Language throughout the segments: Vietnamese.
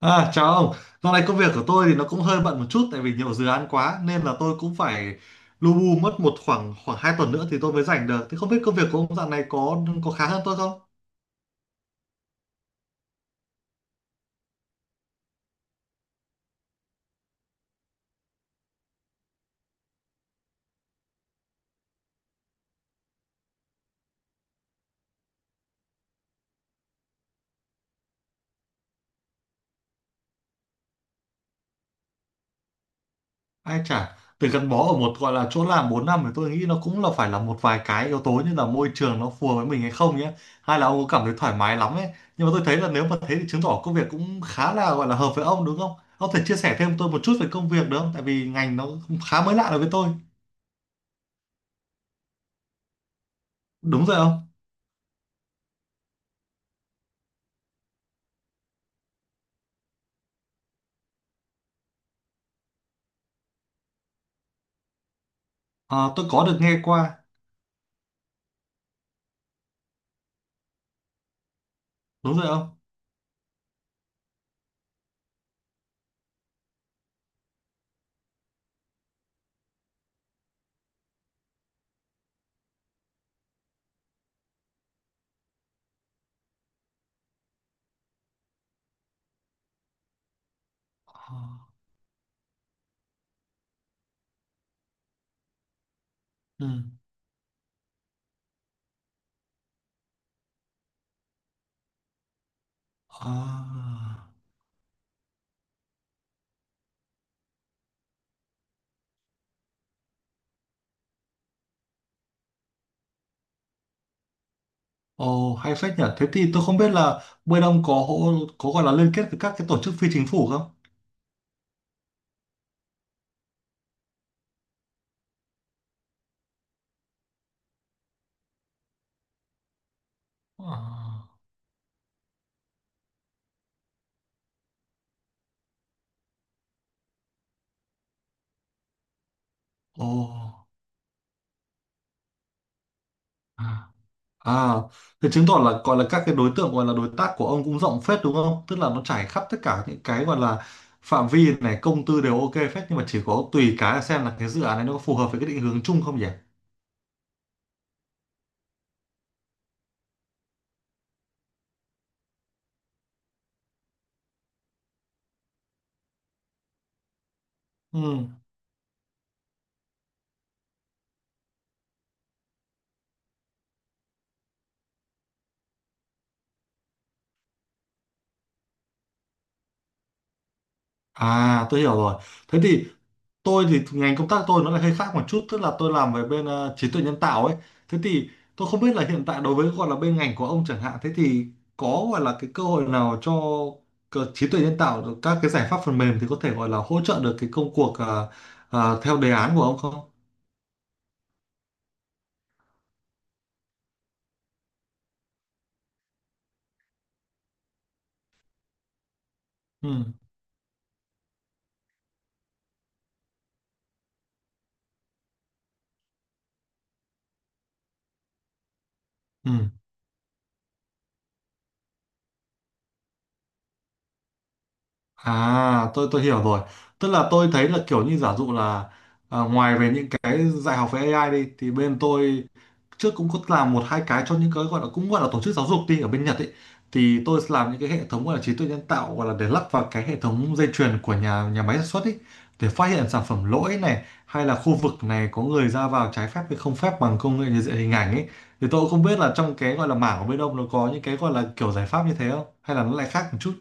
À, chào ông. Dạo này công việc của tôi thì nó cũng hơi bận một chút tại vì nhiều dự án quá nên là tôi cũng phải lu bu mất một khoảng khoảng 2 tuần nữa thì tôi mới rảnh được. Thì không biết công việc của ông dạo này có khá hơn tôi không? Ai chả từ gắn bó ở một gọi là chỗ làm 4 năm thì tôi nghĩ nó cũng là phải là một vài cái yếu tố như là môi trường nó phù hợp với mình hay không nhé. Hay là ông có cảm thấy thoải mái lắm ấy. Nhưng mà tôi thấy là nếu mà thế thì chứng tỏ công việc cũng khá là gọi là hợp với ông đúng không? Ông có thể chia sẻ thêm tôi một chút về công việc được không? Tại vì ngành nó khá mới lạ đối với tôi. Đúng rồi. Ờ, tôi có được nghe qua, đúng rồi không? Ờ. Ừ. À. Ồ, hay phết nhỉ. Thế thì tôi không biết là bên ông có có gọi là liên kết với các cái tổ chức phi chính phủ không? Ờ. Ồ. À. À, thế chứng tỏ là gọi là các cái đối tượng gọi là đối tác của ông cũng rộng phết đúng không? Tức là nó trải khắp tất cả những cái gọi là phạm vi này, công tư đều ok phết nhưng mà chỉ có tùy cái là xem là cái dự án này nó có phù hợp với cái định hướng chung không nhỉ? Ừ. À, tôi hiểu rồi. Thế thì tôi thì ngành công tác tôi nó lại hơi khác một chút, tức là tôi làm về bên trí tuệ nhân tạo ấy. Thế thì tôi không biết là hiện tại đối với gọi là bên ngành của ông chẳng hạn, thế thì có gọi là cái cơ hội nào cho trí tuệ nhân tạo được các cái giải pháp phần mềm thì có thể gọi là hỗ trợ được cái công cuộc theo đề án của ông không? Ừ. Ừ. À, tôi hiểu rồi. Tức là tôi thấy là kiểu như giả dụ là à, ngoài về những cái dạy học về AI đi thì bên tôi trước cũng có làm một hai cái cho những cái gọi là cũng gọi là tổ chức giáo dục đi ở bên Nhật ấy thì tôi làm những cái hệ thống gọi là trí tuệ nhân tạo gọi là để lắp vào cái hệ thống dây chuyền của nhà nhà máy sản xuất ấy để phát hiện sản phẩm lỗi này hay là khu vực này có người ra vào trái phép hay không phép bằng công nghệ nhận diện hình ảnh ấy thì tôi cũng không biết là trong cái gọi là mảng của bên ông nó có những cái gọi là kiểu giải pháp như thế không hay là nó lại khác một chút.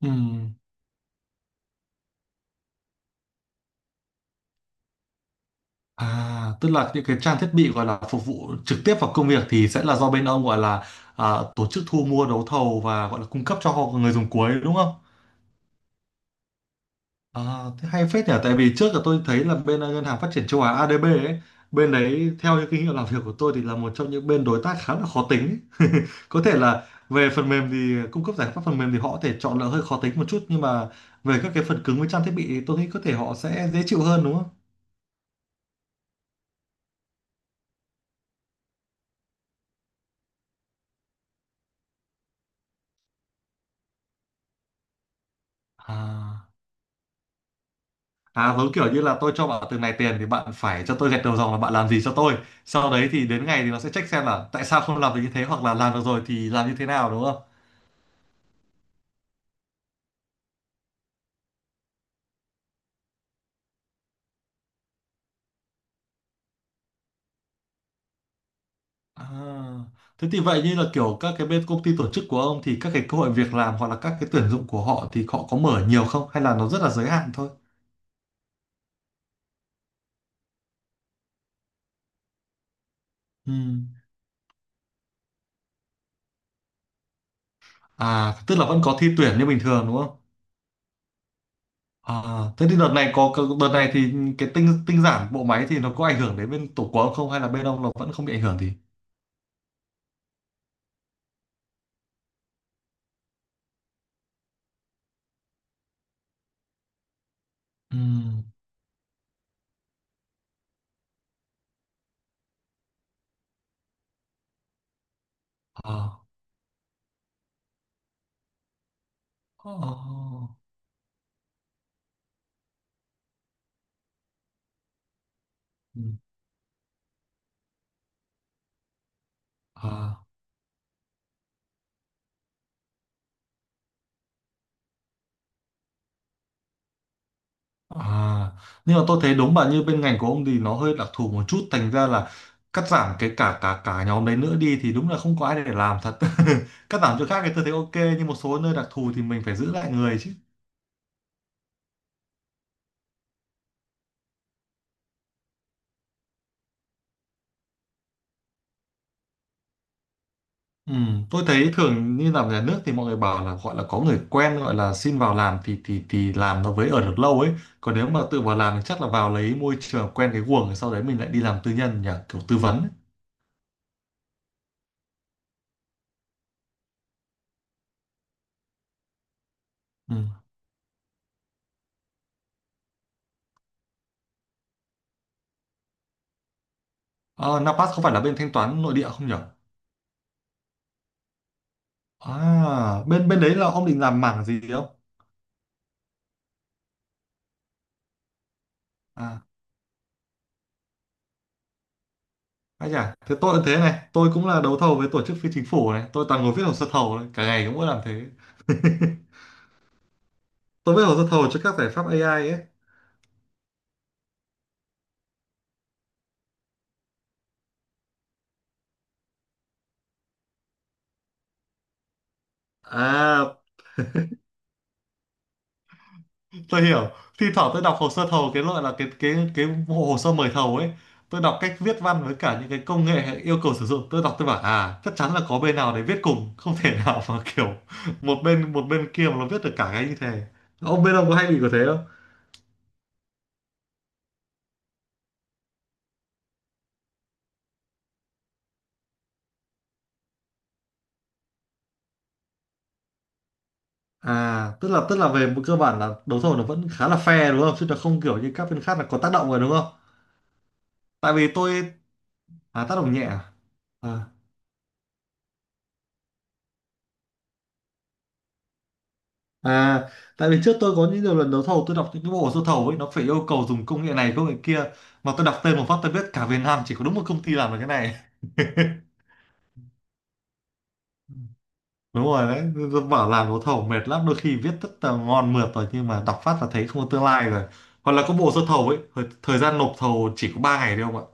Ừ. À, tức là những cái trang thiết bị gọi là phục vụ trực tiếp vào công việc thì sẽ là do bên ông gọi là à, tổ chức thu mua đấu thầu và gọi là cung cấp cho họ người dùng cuối đúng không? À, thế hay phết nhỉ, tại vì trước là tôi thấy là bên Ngân hàng Phát triển Châu Á ADB ấy, bên đấy theo những kinh nghiệm làm việc của tôi thì là một trong những bên đối tác khá là khó tính ấy. Có thể là về phần mềm thì cung cấp giải pháp phần mềm thì họ có thể chọn là hơi khó tính một chút nhưng mà về các cái phần cứng với trang thiết bị thì tôi nghĩ có thể họ sẽ dễ chịu hơn đúng không? À. À, giống kiểu như là tôi cho bạn từng này tiền thì bạn phải cho tôi gạch đầu dòng là bạn làm gì cho tôi. Sau đấy thì đến ngày thì nó sẽ check xem là tại sao không làm được như thế hoặc là làm được rồi thì làm như thế nào đúng không? À, thế thì vậy như là kiểu các cái bên công ty tổ chức của ông thì các cái cơ hội việc làm hoặc là các cái tuyển dụng của họ thì họ có mở nhiều không hay là nó rất là giới hạn thôi? Ừ. À, tức là vẫn có thi tuyển như bình thường đúng không? À, thế thì đợt này đợt này thì cái tinh tinh giản bộ máy thì nó có ảnh hưởng đến bên tổ của ông không hay là bên ông nó vẫn không bị ảnh hưởng gì? Ừ. Ồ. Ừ. À, à. Nhưng mà tôi thấy đúng bạn như bên ngành của ông thì nó hơi đặc thù một chút, thành ra là cắt giảm cái cả cả cả nhóm đấy nữa đi thì đúng là không có ai để làm thật. Cắt giảm chỗ khác thì tôi thấy ok, nhưng một số nơi đặc thù thì mình phải giữ lại người chứ. Ừ, tôi thấy thường như làm nhà nước thì mọi người bảo là gọi là có người quen gọi là xin vào làm thì làm nó với ở được lâu ấy, còn nếu mà tự vào làm thì chắc là vào lấy môi trường quen cái guồng rồi sau đấy mình lại đi làm tư nhân nhỉ, kiểu tư vấn ấy. Ừ. À, Napas không phải là bên thanh toán nội địa không nhỉ? À, bên bên đấy là ông định làm mảng gì không? À, anh à, thế tôi cũng thế này, tôi cũng là đấu thầu với tổ chức phi chính phủ này, tôi toàn ngồi viết hồ sơ thầu này, cả ngày cũng mỗi làm thế. Tôi viết hồ sơ thầu cho các giải pháp AI ấy. À, tôi hiểu. Thi thoảng tôi đọc hồ sơ thầu cái loại là cái bộ hồ sơ mời thầu ấy. Tôi đọc cách viết văn với cả những cái công nghệ hay yêu cầu sử dụng, tôi đọc tôi bảo à, chắc chắn là có bên nào để viết cùng, không thể nào mà kiểu một bên kia mà nó viết được cả cái như thế. Ông bên ông có hay bị có thế? À, tức là về một cơ bản là đấu thầu nó vẫn khá là fair đúng không? Chứ nó không kiểu như các bên khác là có tác động rồi đúng không? Tại vì tôi. À tác động nhẹ à? À, à tại vì trước tôi có những nhiều lần đấu thầu tôi đọc những cái bộ sơ thầu ấy nó phải yêu cầu dùng công nghệ này công nghệ kia mà tôi đọc tên một phát tôi biết cả Việt Nam chỉ có đúng một công ty làm được cái này. Đúng rồi đấy, tôi bảo làm đấu thầu mệt lắm, đôi khi viết rất là ngon mượt rồi nhưng mà đọc phát là thấy không có tương lai rồi. Hoặc là có bộ sơ thầu ấy, thời gian nộp thầu chỉ có 3 ngày thôi không ạ?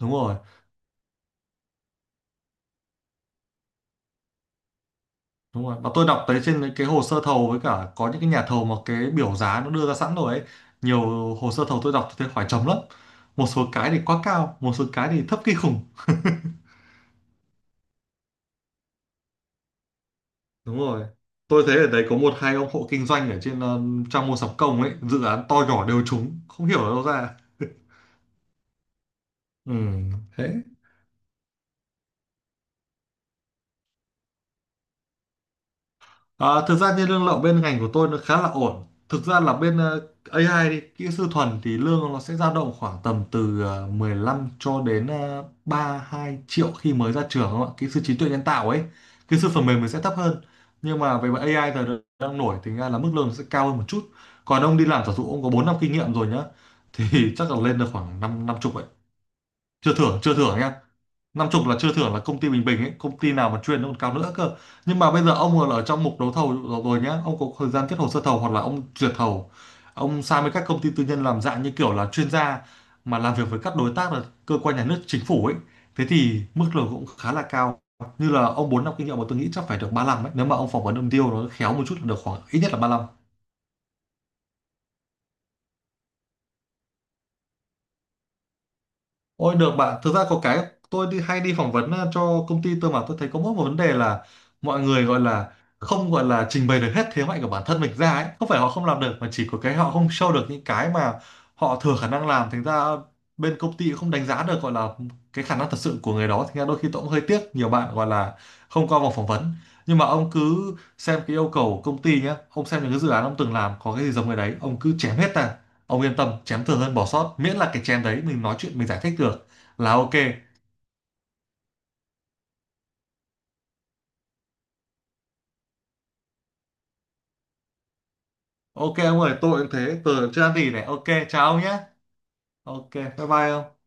Đúng rồi. Đúng rồi. Và tôi đọc thấy trên những cái hồ sơ thầu với cả có những cái nhà thầu mà cái biểu giá nó đưa ra sẵn rồi ấy. Nhiều hồ sơ thầu tôi đọc thì thấy hỏi chấm lắm. Một số cái thì quá cao, một số cái thì thấp kinh khủng. Đúng rồi. Tôi thấy ở đấy có một hai ông hộ kinh doanh ở trên trang mua sắm công ấy, dự án to nhỏ đều trúng, không hiểu ở đâu ra. Ừ, thế. Ờ, thực ra như lương lậu bên ngành của tôi nó khá là ổn. Thực ra là bên AI đi, kỹ sư thuần thì lương nó sẽ dao động khoảng tầm từ 15 cho đến 32 triệu khi mới ra trường không ạ? Kỹ sư trí tuệ nhân tạo ấy, kỹ sư phần mềm mình sẽ thấp hơn. Nhưng mà về mặt AI giờ đang đang nổi thì ra là mức lương nó sẽ cao hơn một chút. Còn ông đi làm giả dụ ông có 4 năm kinh nghiệm rồi nhá thì chắc là lên được khoảng 5 năm chục ấy. Chưa thưởng chưa thưởng nhá. Năm chục là chưa thưởng là công ty bình bình ấy, công ty nào mà chuyên nó còn cao nữa cơ. Nhưng mà bây giờ ông còn ở trong mục đấu thầu rồi rồi nhá, ông có thời gian kết hồ sơ thầu hoặc là ông duyệt thầu, ông sang với các công ty tư nhân làm dạng như kiểu là chuyên gia mà làm việc với các đối tác là cơ quan nhà nước chính phủ ấy, thế thì mức lương cũng khá là cao. Như là ông 4 năm kinh nghiệm mà tôi nghĩ chắc phải được 35 ấy, nếu mà ông phỏng vấn ông deal nó khéo một chút là được khoảng ít nhất là 35. Ôi được bạn, thực ra có cái tôi đi hay đi phỏng vấn cho công ty tôi mà tôi thấy có mỗi một vấn đề là mọi người gọi là không gọi là trình bày được hết thế mạnh của bản thân mình ra ấy, không phải họ không làm được mà chỉ có cái họ không show được những cái mà họ thừa khả năng làm, thành ra bên công ty cũng không đánh giá được gọi là cái khả năng thật sự của người đó, thành ra đôi khi tôi cũng hơi tiếc nhiều bạn gọi là không qua vòng phỏng vấn. Nhưng mà ông cứ xem cái yêu cầu của công ty nhé, ông xem những cái dự án ông từng làm có cái gì giống người đấy, ông cứ chém hết ra. Ông yên tâm, chém thường hơn bỏ sót, miễn là cái chém đấy mình nói chuyện mình giải thích được là ok. Ok ông ơi, tôi cũng thế, tôi chưa ăn gì này. Ok, chào ông nhé. Ok, bye bye ông.